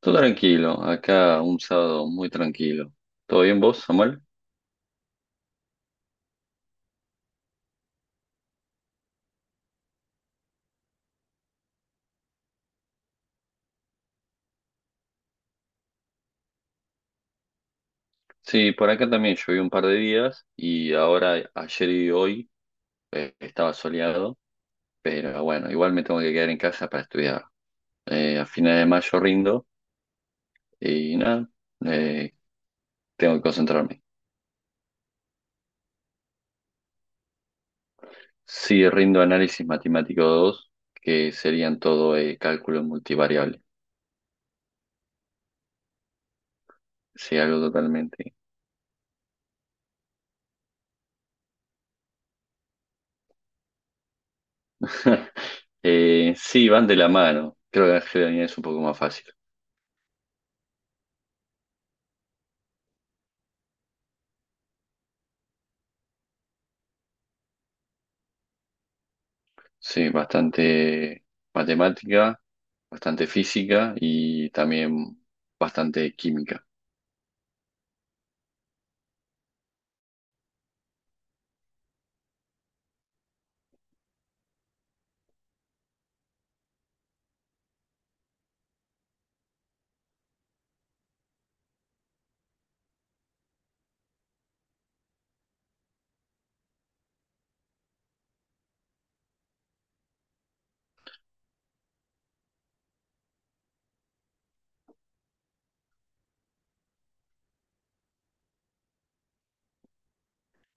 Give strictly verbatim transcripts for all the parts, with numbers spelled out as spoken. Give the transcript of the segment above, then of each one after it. Todo tranquilo, acá un sábado muy tranquilo. ¿Todo bien vos, Samuel? Sí, por acá también llovió un par de días y ahora ayer y hoy eh, estaba soleado, pero bueno, igual me tengo que quedar en casa para estudiar. Eh, a finales de mayo rindo y nada, eh, tengo que concentrarme. Sí, rindo análisis matemático dos, que serían todo eh, cálculo multivariable. Sí, algo totalmente. Eh, sí, van de la mano. Creo que la es un poco más fácil. Sí, bastante matemática, bastante física y también bastante química.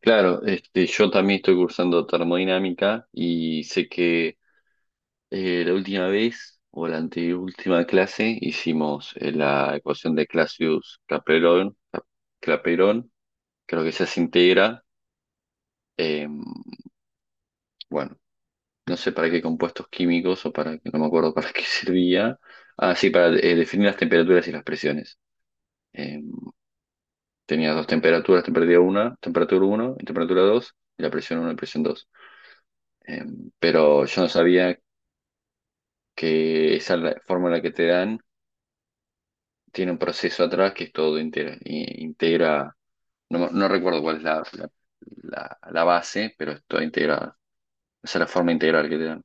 Claro, este, yo también estoy cursando termodinámica y sé que eh, la última vez o la anteúltima clase hicimos eh, la ecuación de Clausius-Clapeyron, Cla- Clapeyron, creo que esa se integra. eh, bueno, no sé para qué compuestos químicos o para, no me acuerdo para qué servía. Ah, sí, para eh, definir las temperaturas y las presiones. eh, Tenías dos temperaturas, temperatura uno, temperatura uno y temperatura dos y la presión uno y presión dos. Eh, pero yo no sabía que esa la- fórmula que te dan tiene un proceso atrás que es todo integra, i- integra no, me- no recuerdo cuál es la, la, la- la base, pero es toda integrada. Esa es la forma integral que te dan.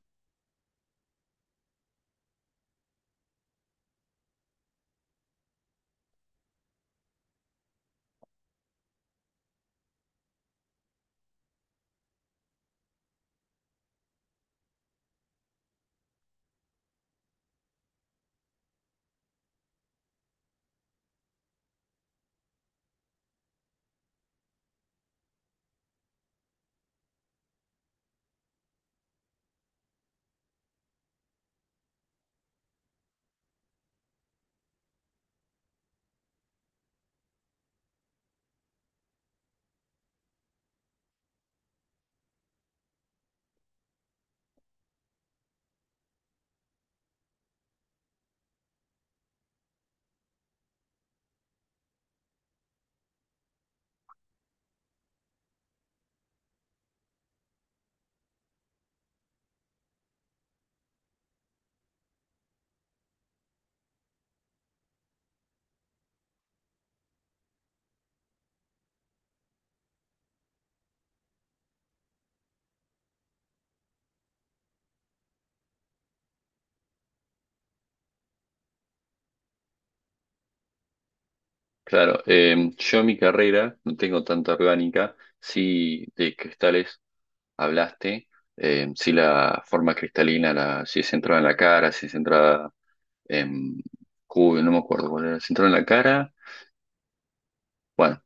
Claro, eh, yo en mi carrera no tengo tanta orgánica, sí de cristales hablaste, eh, si la forma cristalina, la, si es centrada en la cara, si es centrada em, Cubo, no me acuerdo cuál era, central en la cara. Bueno,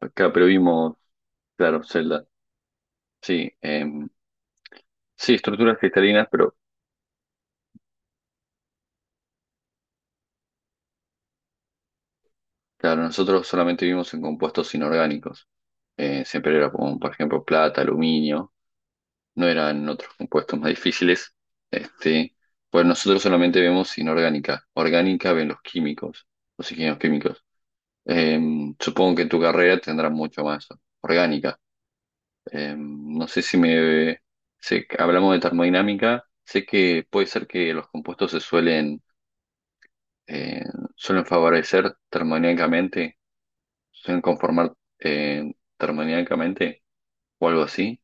acá, pero vimos, claro, Zelda. Sí, em, sí, estructuras cristalinas, pero claro, nosotros solamente vimos en compuestos inorgánicos. Eh, siempre era como, por ejemplo, plata, aluminio, no eran otros compuestos más difíciles. Este, pues nosotros solamente vemos inorgánica. Orgánica ven los químicos, los ingenieros químicos. Em, supongo que en tu carrera tendrás mucho más orgánica. Eh, no sé si me... sé que hablamos de termodinámica, sé que puede ser que los compuestos se suelen, eh, suelen favorecer termodinámicamente, suelen conformar eh, termodinámicamente o algo así.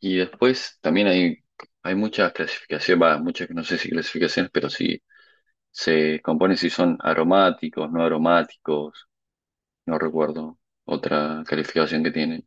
Y después también hay, hay muchas clasificaciones, va, muchas, no sé si clasificaciones, pero sí se componen si son aromáticos, no aromáticos, no recuerdo otra calificación que tiene.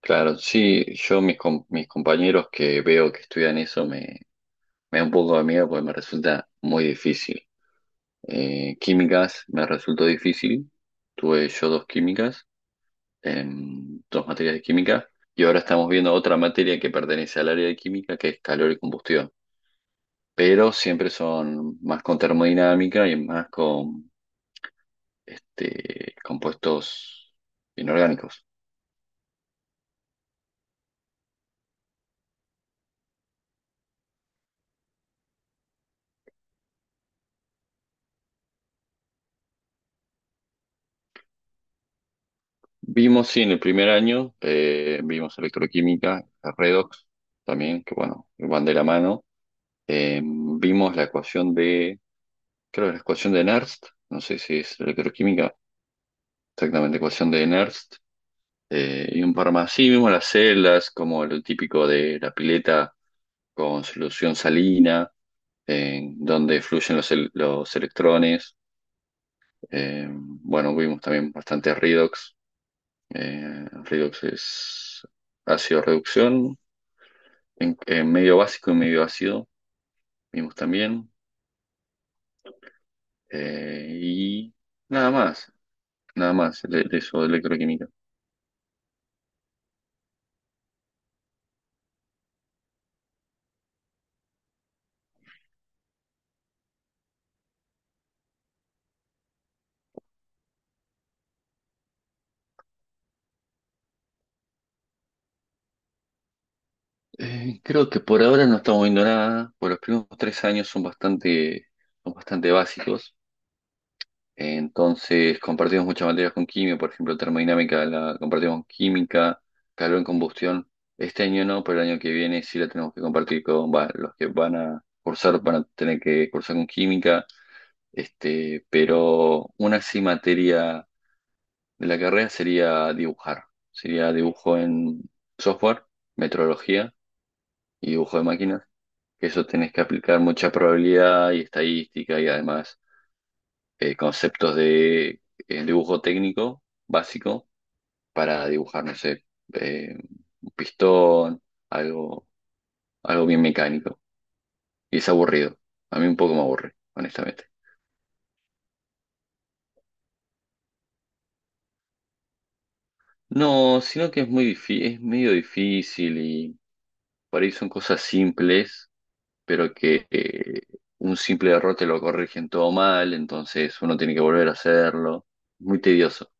Claro, sí, yo mis, com- mis compañeros que veo que estudian eso me, me da un poco de miedo porque me resulta muy difícil. Eh, químicas me resultó difícil, tuve yo dos químicas, em, dos materias de química, y ahora estamos viendo otra materia que pertenece al área de química que es calor y combustión, pero siempre son más con termodinámica y más con este, compuestos inorgánicos. Vimos, sí, en el primer año, eh, vimos electroquímica, redox también, que bueno, van de la mano. Eh, vimos la ecuación de, creo que la ecuación de Nernst, no sé si es electroquímica, exactamente, ecuación de Nernst, eh, y un par más. Sí, vimos las celdas, como el típico de la pileta con solución salina, en donde fluyen los, el- los electrones. Eh, bueno, vimos también bastante redox. Eh, redox es ácido reducción, en, en medio básico y medio ácido vimos también. Eh, y nada más, nada más de, de eso, de electroquímica. Eh, creo que por ahora no estamos viendo nada, por los primeros tres años son bastante, son bastante básicos. Eh, Entonces compartimos muchas materias con química, por ejemplo, termodinámica la compartimos con química, calor en combustión. Este año no, pero el año que viene sí la tenemos que compartir con, va, los que van a cursar, van a tener que cursar con química. Este, pero una sí materia de la carrera sería dibujar. Sería dibujo en software, metrología y dibujo de máquinas. Que eso tenés que aplicar mucha probabilidad y estadística y además eh, conceptos de eh, dibujo técnico básico para dibujar, no sé, eh, un pistón, algo, algo bien mecánico. Y es aburrido. A mí un poco me aburre, honestamente. No, sino que es muy difícil, es medio difícil. Por ahí son cosas simples, pero que eh, un simple error te lo corrigen todo mal, entonces uno tiene que volver a hacerlo. Muy tedioso.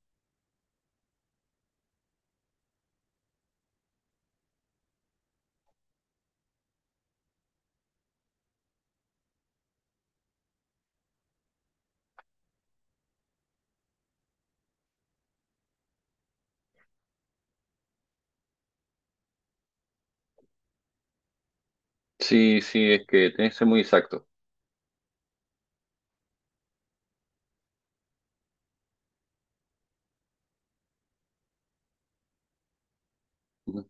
Sí, sí, es que tenés que ser muy exacto. Ujú.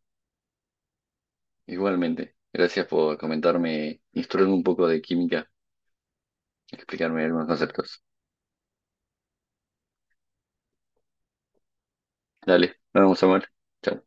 Igualmente, gracias por comentarme, instruirme un poco de química, explicarme algunos conceptos. Dale, nos vemos, Samuel. Chao.